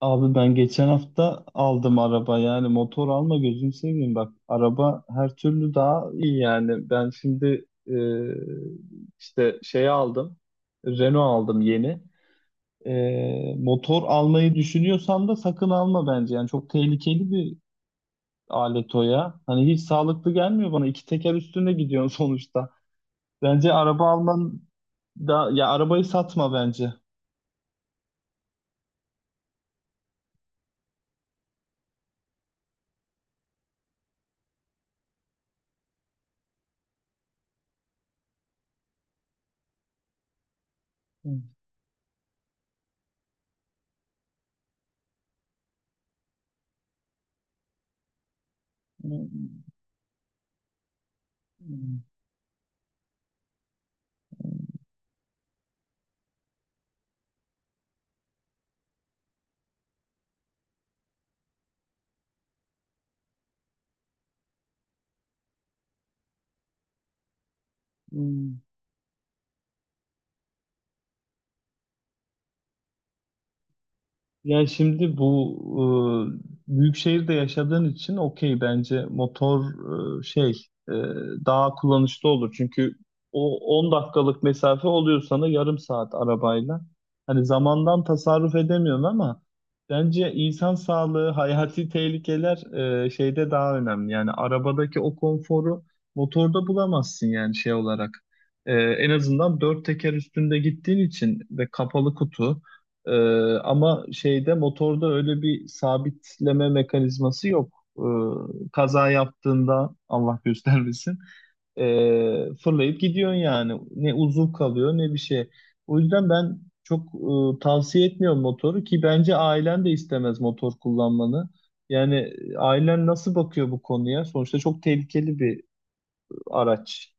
Abi, ben geçen hafta aldım araba. Yani motor alma, gözünü seveyim, bak araba her türlü daha iyi. Yani ben şimdi işte şey aldım, Renault aldım yeni. Motor almayı düşünüyorsan da sakın alma bence. Yani çok tehlikeli bir alet o, ya hani hiç sağlıklı gelmiyor bana, iki teker üstüne gidiyorsun sonuçta bence araba alman, da ya arabayı satma bence. Hı, hı, hı, hı. Yani şimdi bu büyük şehirde yaşadığın için okey, bence motor şey e, daha kullanışlı olur. Çünkü o 10 dakikalık mesafe oluyor sana, yarım saat arabayla. Hani zamandan tasarruf edemiyorsun ama bence insan sağlığı, hayati tehlikeler şeyde daha önemli. Yani arabadaki o konforu motorda bulamazsın, yani şey olarak. En azından dört teker üstünde gittiğin için, ve kapalı kutu. Ama şeyde, motorda öyle bir sabitleme mekanizması yok. Kaza yaptığında Allah göstermesin, fırlayıp gidiyorsun yani. Ne uzuv kalıyor ne bir şey. O yüzden ben çok tavsiye etmiyorum motoru, ki bence ailen de istemez motor kullanmanı. Yani ailen nasıl bakıyor bu konuya? Sonuçta çok tehlikeli bir araç.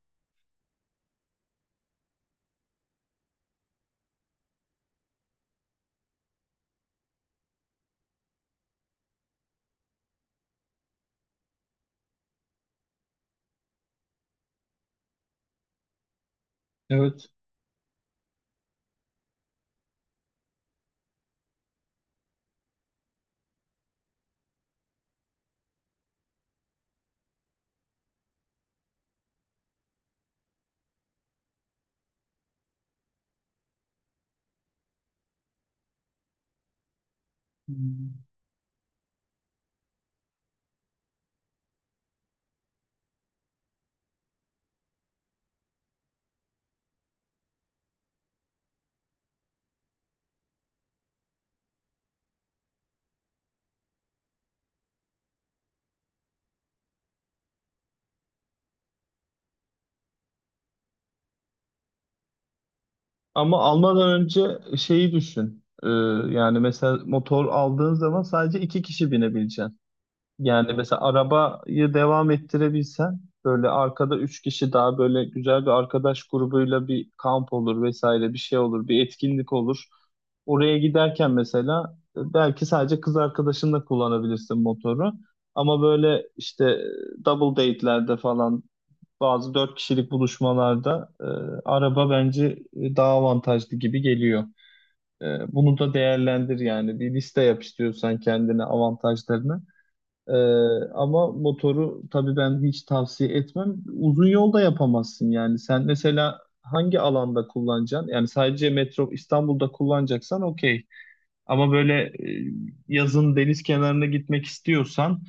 Evet. Ama almadan önce şeyi düşün. Yani mesela motor aldığın zaman sadece iki kişi binebileceksin. Yani mesela arabayı devam ettirebilsen, böyle arkada üç kişi daha, böyle güzel bir arkadaş grubuyla bir kamp olur vesaire, bir şey olur, bir etkinlik olur. Oraya giderken mesela belki sadece kız arkadaşınla kullanabilirsin motoru. Ama böyle işte double date'lerde falan, bazı dört kişilik buluşmalarda araba bence daha avantajlı gibi geliyor. E, Bunu da değerlendir, yani bir liste yap istiyorsan kendine avantajlarını. E, Ama motoru tabii ben hiç tavsiye etmem. Uzun yolda yapamazsın yani. Sen mesela hangi alanda kullanacaksın? Yani sadece metro İstanbul'da kullanacaksan okey. Ama böyle yazın deniz kenarına gitmek istiyorsan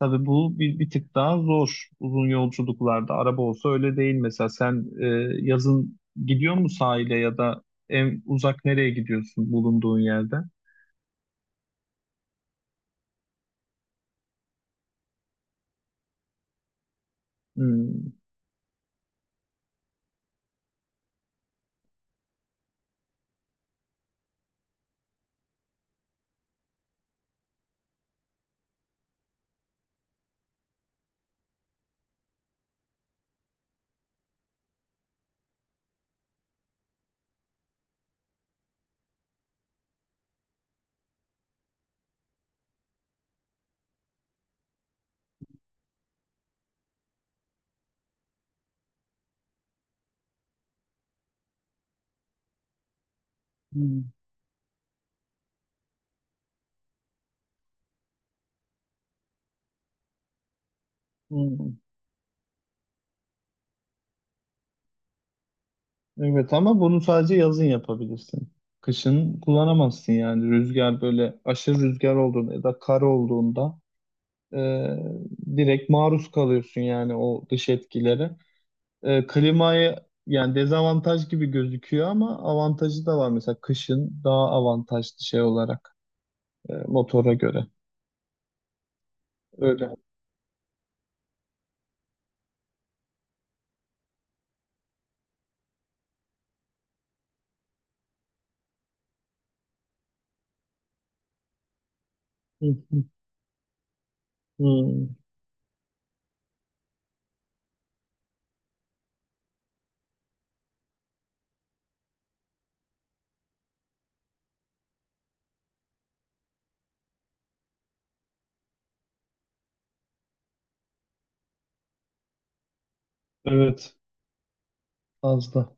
tabii, bu bir tık daha zor, uzun yolculuklarda. Araba olsa öyle değil mesela. Sen yazın gidiyor mu sahile, ya da en uzak nereye gidiyorsun bulunduğun yerde? Hmm, hmm, hmm. Evet, ama bunu sadece yazın yapabilirsin. Kışın kullanamazsın yani, rüzgar, böyle aşırı rüzgar olduğunda ya da kar olduğunda e, direkt maruz kalıyorsun yani o dış etkilere. Klimayı, yani dezavantaj gibi gözüküyor ama avantajı da var. Mesela kışın daha avantajlı şey olarak, motora göre. Öyle. Hı hı. Hı. Evet. Fazla.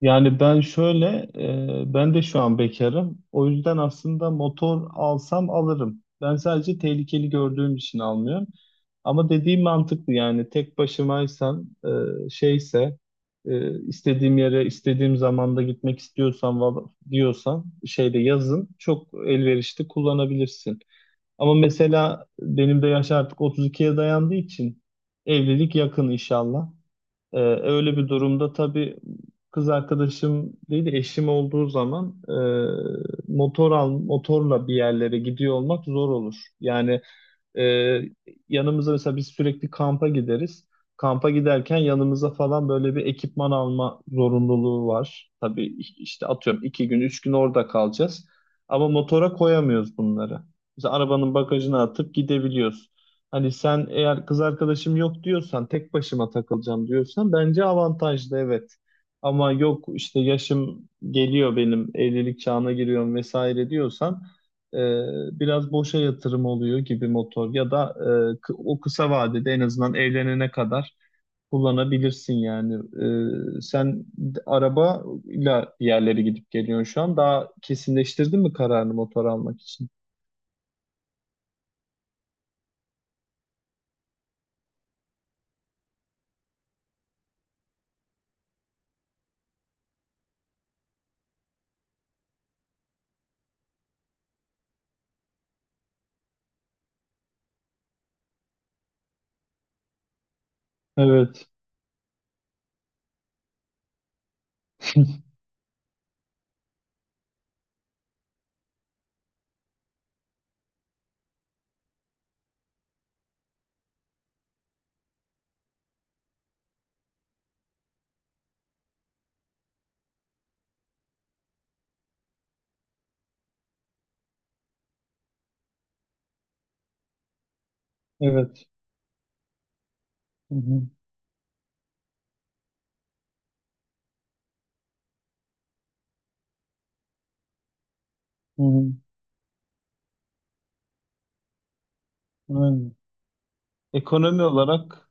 Yani ben şöyle, ben de şu an bekarım. O yüzden aslında motor alsam alırım. Ben sadece tehlikeli gördüğüm için almıyorum. Ama dediğim mantıklı, yani tek başımaysam, şeyse, istediğim yere, istediğim zamanda gitmek istiyorsan, diyorsan, şeyde yazın çok elverişli kullanabilirsin. Ama mesela benim de yaş artık 32'ye dayandığı için, evlilik yakın inşallah. Öyle bir durumda tabii, kız arkadaşım değil de eşim olduğu zaman, motorla bir yerlere gidiyor olmak zor olur. Yani ee, yanımıza mesela biz sürekli kampa gideriz. Kampa giderken yanımıza falan böyle bir ekipman alma zorunluluğu var. Tabii işte atıyorum 2 gün, 3 gün orada kalacağız. Ama motora koyamıyoruz bunları. Mesela arabanın bagajına atıp gidebiliyoruz. Hani sen eğer kız arkadaşım yok diyorsan, tek başıma takılacağım diyorsan bence avantajlı, evet. Ama yok, işte yaşım geliyor benim, evlilik çağına giriyorum vesaire diyorsan, e, biraz boşa yatırım oluyor gibi motor. Ya da o kısa vadede, en azından evlenene kadar kullanabilirsin yani. Sen arabayla bir yerlere gidip geliyorsun şu an. Daha kesinleştirdin mi kararını motor almak için? Evet, evet. Hı hı, hı hı. Aynen. Ekonomi olarak.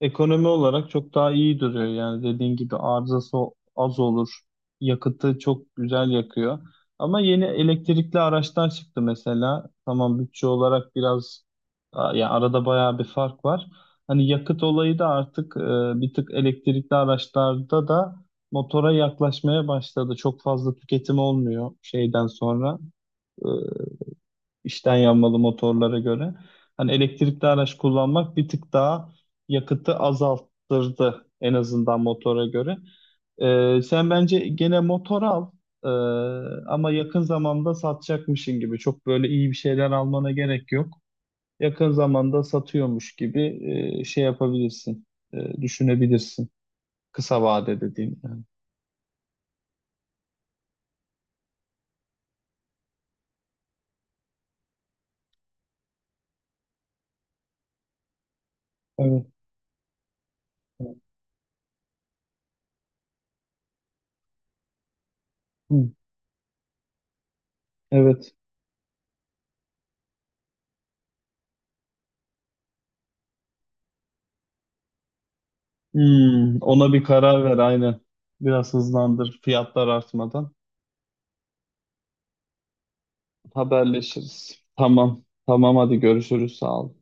Ekonomi olarak çok daha iyi duruyor, yani dediğin gibi arızası az olur. Yakıtı çok güzel yakıyor. Ama yeni elektrikli araçlar çıktı mesela. Tamam, bütçe olarak biraz ya arada bayağı bir fark var. Hani yakıt olayı da artık bir tık elektrikli araçlarda da motora yaklaşmaya başladı. Çok fazla tüketim olmuyor şeyden sonra. E, içten yanmalı motorlara göre. Hani elektrikli araç kullanmak bir tık daha yakıtı azalttırdı, en azından motora göre. Sen bence gene motor al. Ee, Ama yakın zamanda satacakmışın gibi. Çok böyle iyi bir şeyler almana gerek yok. Yakın zamanda satıyormuş gibi şey yapabilirsin, düşünebilirsin. Kısa vade dediğim yani. Evet. Hı. Evet. Hmm, ona bir karar ver aynen. Biraz hızlandır, fiyatlar artmadan. Haberleşiriz. Tamam. Tamam, hadi görüşürüz. Sağ ol.